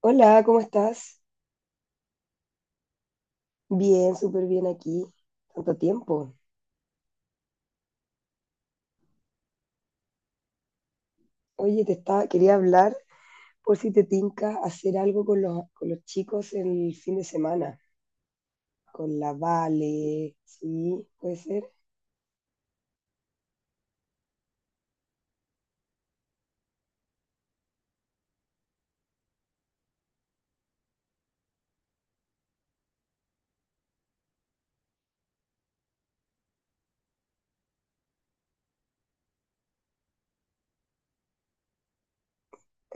Hola, ¿cómo estás? Bien, súper bien aquí. Tanto tiempo. Oye, te estaba, quería hablar por si te tinca hacer algo con con los chicos el fin de semana. Con la Vale, sí, puede ser.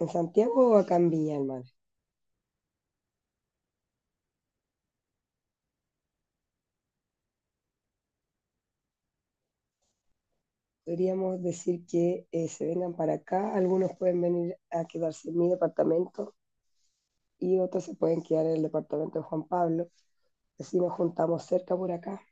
En Santiago o acá en Viña del Mar. Podríamos decir que se vengan para acá. Algunos pueden venir a quedarse en mi departamento y otros se pueden quedar en el departamento de Juan Pablo. Así nos juntamos cerca por acá.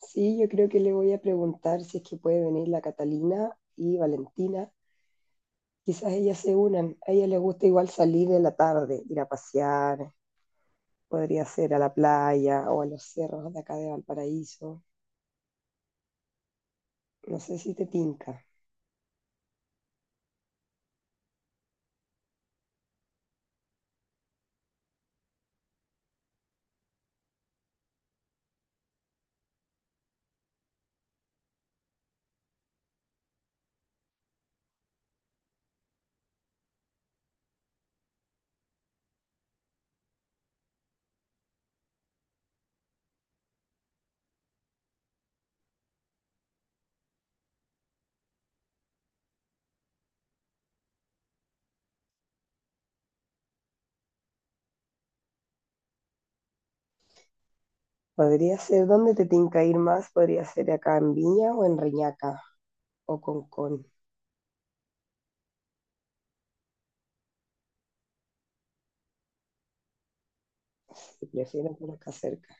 Sí, yo creo que le voy a preguntar si es que puede venir la Catalina y Valentina. Quizás ellas se unan. A ella le gusta igual salir en la tarde, ir a pasear. Podría ser a la playa o a los cerros de acá de Valparaíso. No sé si te tinca. Podría ser, ¿dónde te tinca ir más? Podría ser acá en Viña o en Reñaca o Concón. Si prefiero por acá cerca.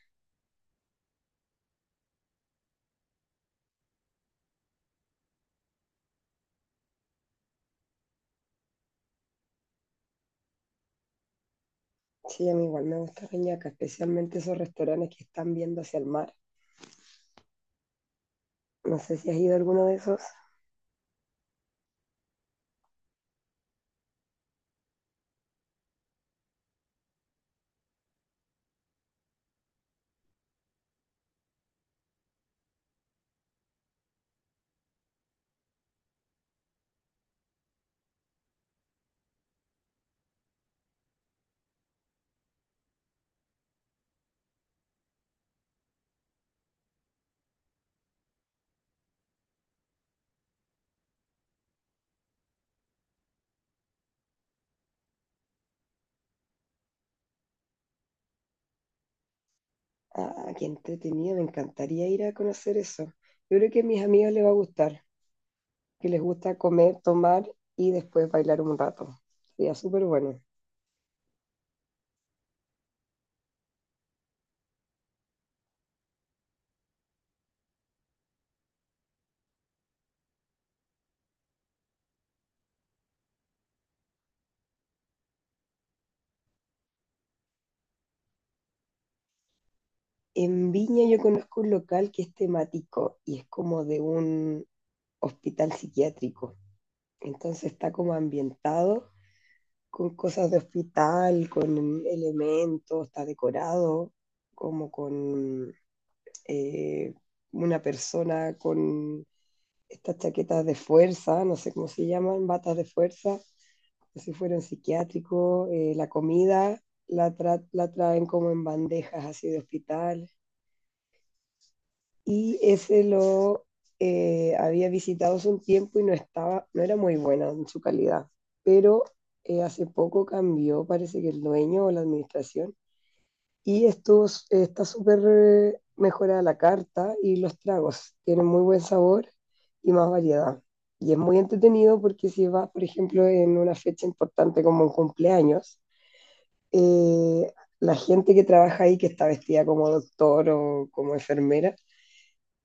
Sí, a mí igual me gusta Reñaca, especialmente esos restaurantes que están viendo hacia el mar. No sé si has ido a alguno de esos. Ah, qué entretenido, me encantaría ir a conocer eso. Yo creo que a mis amigos les va a gustar, que les gusta comer, tomar y después bailar un rato. Sería súper bueno. En Viña yo conozco un local que es temático y es como de un hospital psiquiátrico. Entonces está como ambientado con cosas de hospital, con elementos, está decorado como con eh, una persona con estas chaquetas de fuerza, no sé cómo se llaman, batas de fuerza, no sé si fueron psiquiátricos, la comida traen como en bandejas así de hospital. Y ese lo había visitado hace un tiempo y no, estaba, no era muy buena en su calidad, pero hace poco cambió, parece que el dueño o la administración y estos, está súper mejorada la carta y los tragos. Tienen muy buen sabor y más variedad. Y es muy entretenido porque si vas, por ejemplo, en una fecha importante como un cumpleaños, eh, la gente que trabaja ahí, que está vestida como doctor o como enfermera,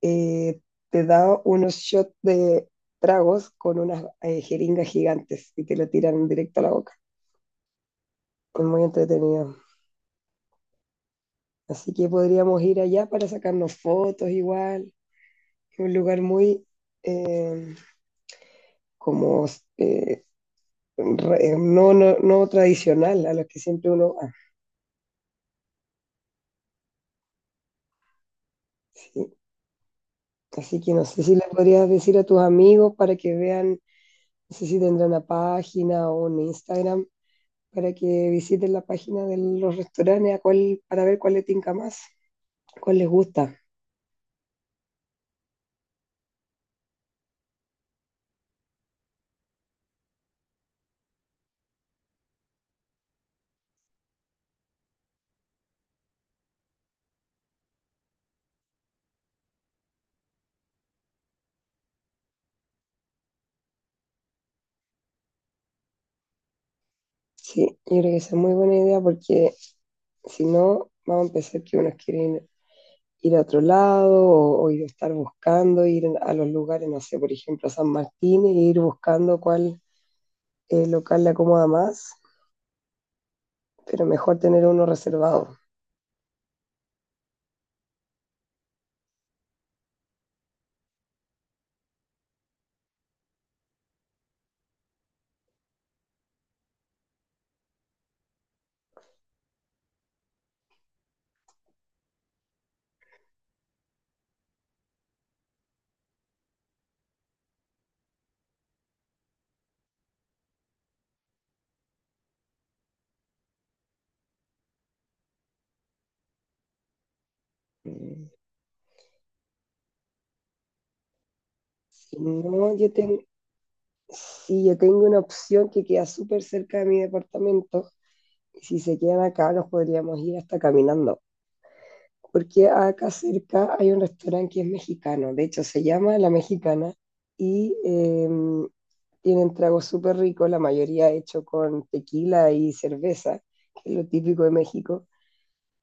eh, te da unos shots de tragos con unas jeringas gigantes y te lo tiran directo a la boca. Es muy entretenido. Así que podríamos ir allá para sacarnos fotos igual, un lugar muy eh, como eh, no, no, no tradicional a los que siempre uno va. Sí. Así que no sé si le podrías decir a tus amigos para que vean, no sé si tendrán una página o un Instagram para que visiten la página de los restaurantes a cuál, para ver cuál les tinca más, cuál les gusta. Sí, yo creo que esa es muy buena idea porque si no, vamos a empezar que unos quieren ir a otro lado o ir a estar buscando, ir a los lugares, no sé, por ejemplo, a San Martín, e ir buscando cuál local le acomoda más, pero mejor tener uno reservado. Si no, si yo tengo una opción que queda súper cerca de mi departamento, y si se quedan acá nos podríamos ir hasta caminando, porque acá cerca hay un restaurante que es mexicano, de hecho se llama La Mexicana, y tienen tragos súper ricos, la mayoría hecho con tequila y cerveza, que es lo típico de México.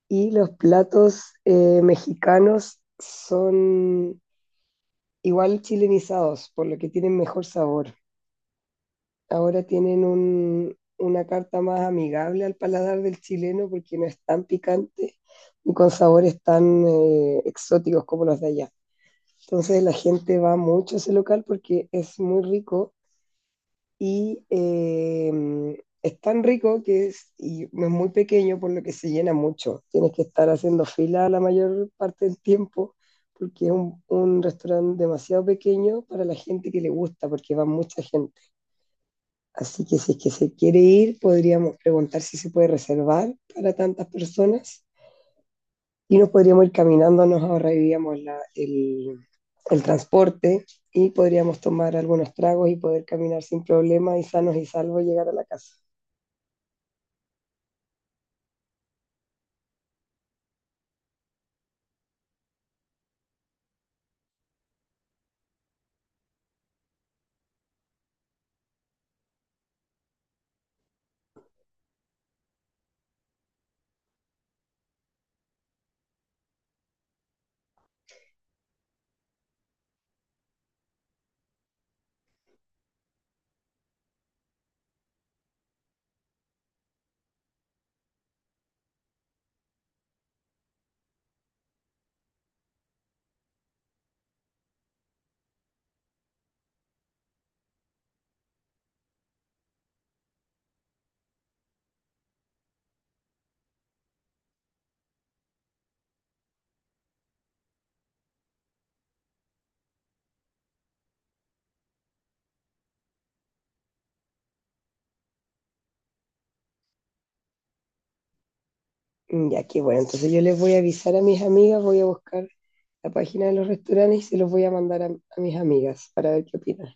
Y los platos mexicanos son igual chilenizados, por lo que tienen mejor sabor. Ahora tienen un, una carta más amigable al paladar del chileno porque no es tan picante y con sabores tan exóticos como los de allá. Entonces la gente va mucho a ese local porque es muy rico y es tan rico que es, y no es muy pequeño, por lo que se llena mucho. Tienes que estar haciendo fila la mayor parte del tiempo, porque es un restaurante demasiado pequeño para la gente que le gusta, porque va mucha gente. Así que si es que se quiere ir, podríamos preguntar si se puede reservar para tantas personas y nos podríamos ir caminando, nos ahorraríamos el transporte y podríamos tomar algunos tragos y poder caminar sin problema y sanos y salvos llegar a la casa. Mm, ya, qué bueno. Entonces yo les voy a avisar a mis amigas, voy a buscar la página de los restaurantes y se los voy a mandar a mis amigas para ver qué opinan.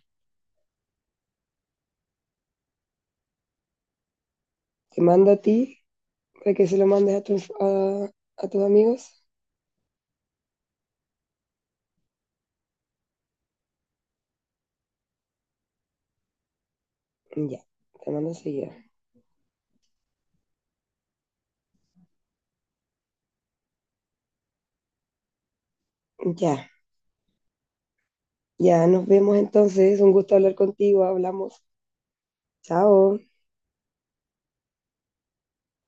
Te mando a ti para que se lo mandes a a tus amigos. Mm, ya, te mando enseguida. Ya, ya, nos vemos entonces. Un gusto hablar contigo. Hablamos. Chao.